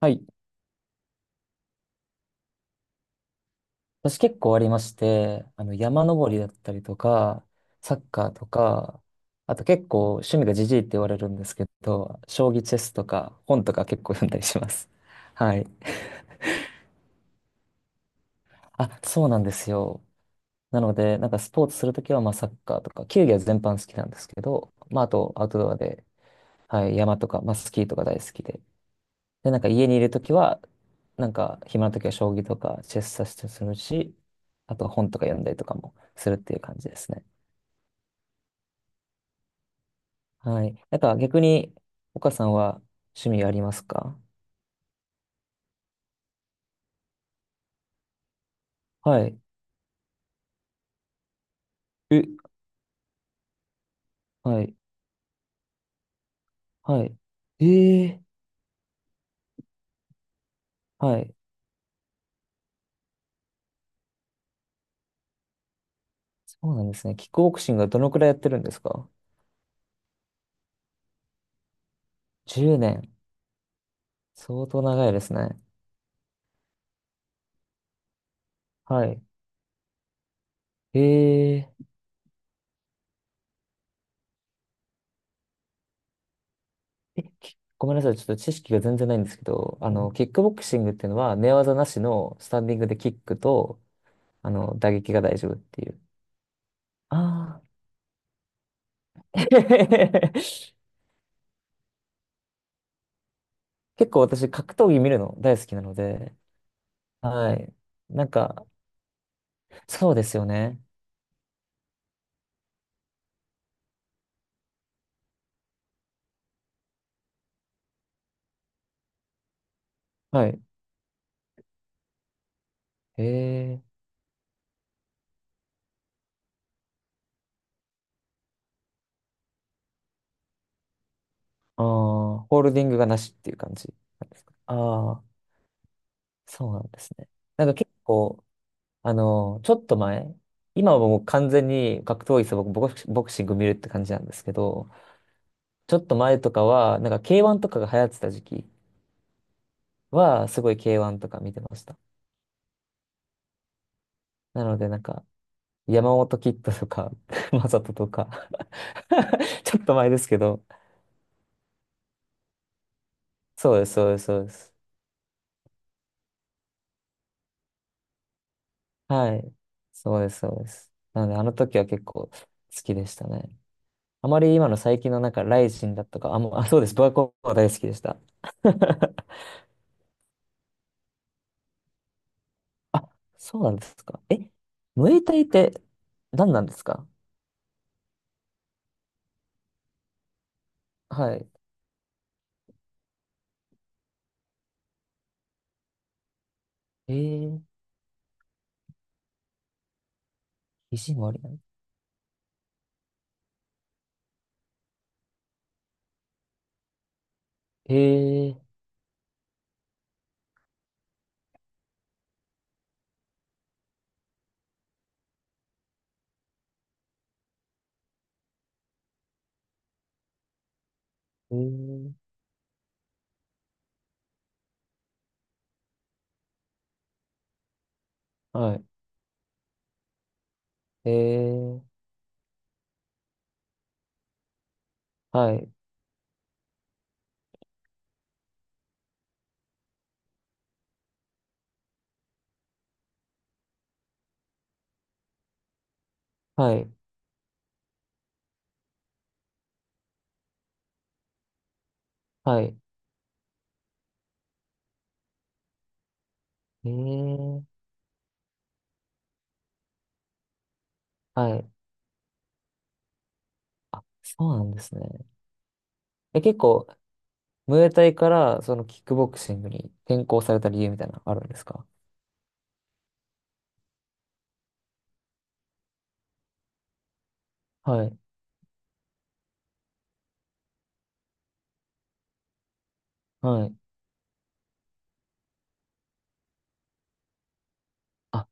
はい。私結構ありまして、山登りだったりとか、サッカーとか、あと結構趣味がジジイって言われるんですけど、将棋チェスとか本とか結構読んだりします。はい。あ、そうなんですよ。なので、なんかスポーツするときはまあサッカーとか、球技は全般好きなんですけど、まああとアウトドアで、はい、山とか、まあスキーとか大好きで。で、なんか家にいるときは、なんか暇なときは将棋とかチェスさせてするし、あとは本とか読んだりとかもするっていう感じですね。はい。なんか逆に、岡さんは趣味ありますか？はい。え、はい。はい。ええ、はい。そうなんですね。キックボクシングはどのくらいやってるんですか？ 10 年。相当長いですね。はい。えええ、きごめんなさい。ちょっと知識が全然ないんですけど、キックボクシングっていうのは寝技なしのスタンディングでキックと、打撃が大丈夫っていう。ああ。結構私格闘技見るの大好きなので、はい。なんか、そうですよね。はい。へえ。ああ、ホールディングがなしっていう感じなんですか？ああ、そうなんですね。なんか結構、ちょっと前、今はもう完全に格闘技さ、僕、ボクシング見るって感じなんですけど、ちょっと前とかは、なんか K1 とかが流行ってた時期は、すごい K1 とか見てました。なので、なんか、山本キッドとか、マサトとか ちょっと前ですけど、そうです、そうです、そうです。はい。そうです、そうです。なので、あの時は結構好きでしたね。あまり今の最近のなんか、ライジンだとか、あ、もう、あ、そうです。ドアコは大好きでした。あ、そうなんですか？え、ムエタイって何なんですか？はい。えー、肘もありなの？えー、えー、はい。えー、はい、はい、はい。えー、はい。あ、そうなんですね。え、結構、ムエタイからそのキックボクシングに転向された理由みたいなのあるんですか？はい。はい。あ、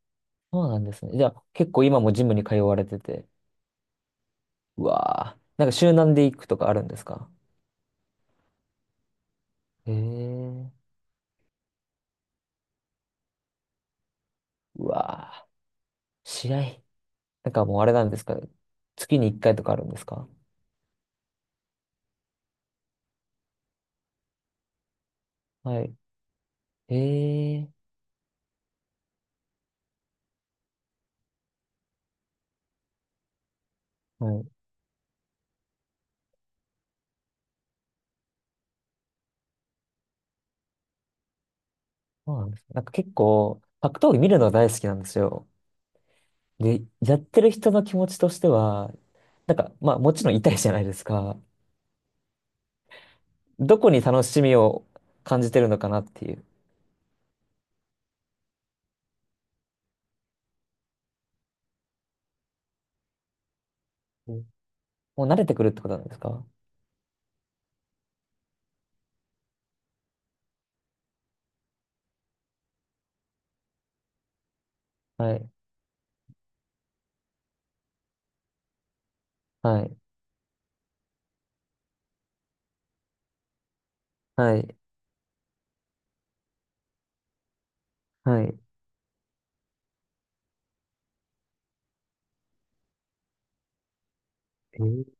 そうなんですね。じゃあ結構今もジムに通われてて。うわー。なんか集団で行くとかあるんですか？へえ。うわー。試合。なんかもうあれなんですか？月に1回とかあるんですか？はい。へえ。はい。そうなんですね。なんか結構格闘技見るのが大好きなんですよ。で、やってる人の気持ちとしては、なんかまあもちろん痛いじゃないですか。どこに楽しみを感じてるのかなっていう。うん。もう慣れてくるってことなんですか？はい。はい。はい。はい。えー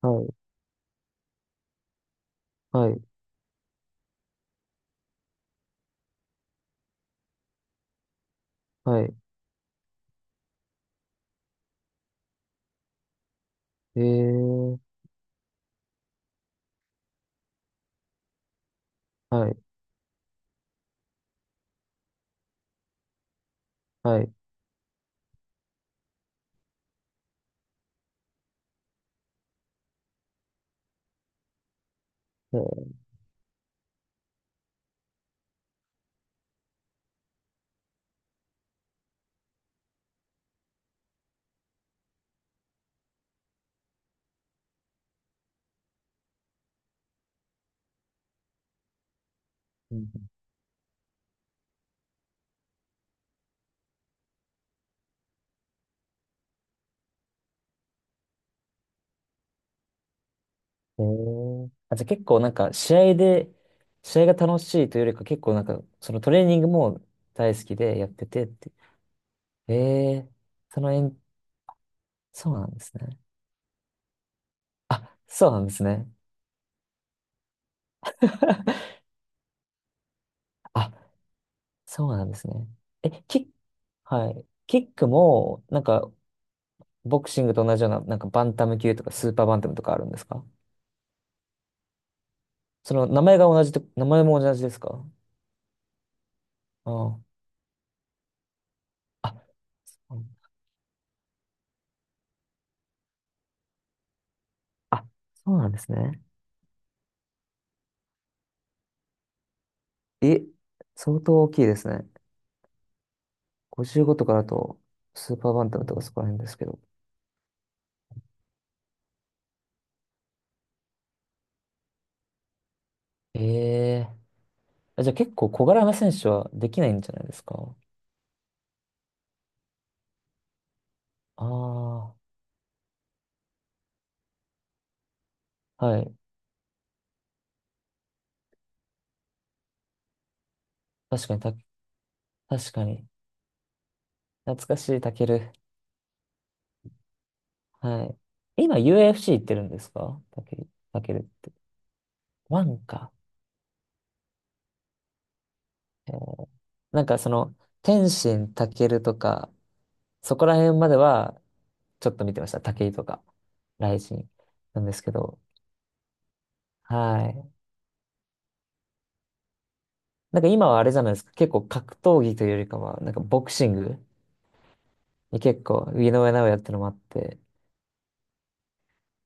はい。はい。はい。えー。はい。はい。えー。うん。あ、じゃあ結構なんか試合で、試合が楽しいというよりか結構なんかそのトレーニングも大好きでやっててって。えー。そのえん、そうなんですね。あ、そうなんですね。あ、そうなんですね。え、キック、はい。キックも、なんか、ボクシングと同じような、なんか、バンタム級とか、スーパーバンタムとかあるんですか？その、名前が同じと、名前も同じですか？ああ。あ、そうあそうなんですね。え、相当大きいですね。55とかだと、スーパーバンタムとかそこら辺ですけど。ええ、あ、じゃあ結構小柄な選手はできないんじゃないですか？ああ、はい。確かに、確かに。懐かしい、タケル。はい。今 UFC 行ってるんですか？たけるって。ワンか。えーなんかその、天心たけるとか、そこら辺までは、ちょっと見てました。武井とか、ライジンなんですけど。はい。なんか今はあれじゃないですか。結構格闘技というよりかは、なんかボクシングに結構、井上尚弥ってのもあって。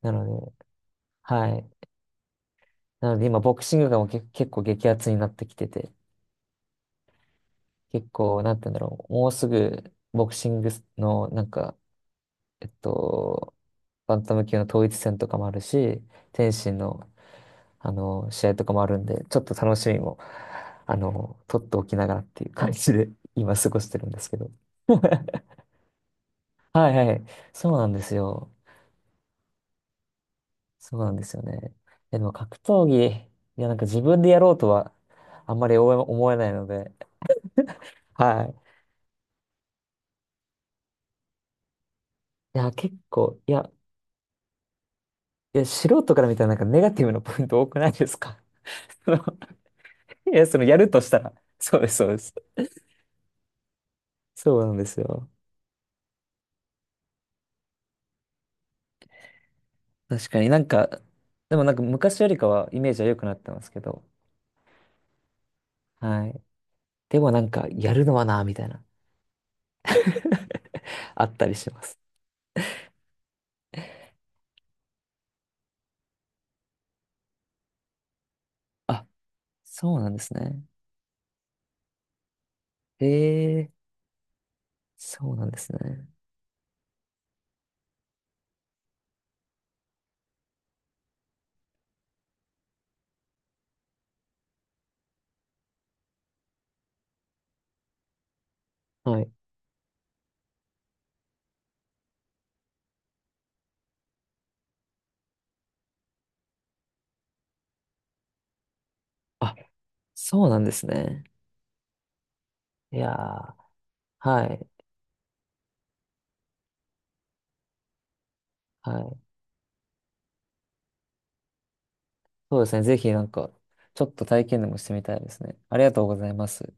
なので、はい。なので今、ボクシングがもうけ結構激アツになってきてて、結構、なんて言うんだろう。もうすぐ、ボクシングの、なんか、えっと、バンタム級の統一戦とかもあるし、天心の、試合とかもあるんで、ちょっと楽しみも、取っておきながらっていう感じで、今過ごしてるんですけど。はいはい。そうなんですよ。そうなんですよね。え、でも格闘技、いや、なんか自分でやろうとは、あんまり思えないので、はい。いや、結構、いや、いや、素人から見たらなんかネガティブなポイント多くないですか？ そのやるとしたら。そうです、そうです。そうなんですよ。確かになんか、でもなんか昔よりかはイメージは良くなってますけど、はい。でもなんか、やるのはな、みたいな、あったりします。あ、そうなんですね。へえ、そうなんですね。はい。あ、そうなんですね。いやー、はい、はい。そうですね。ぜひなんか、ちょっと体験でもしてみたいですね。ありがとうございます。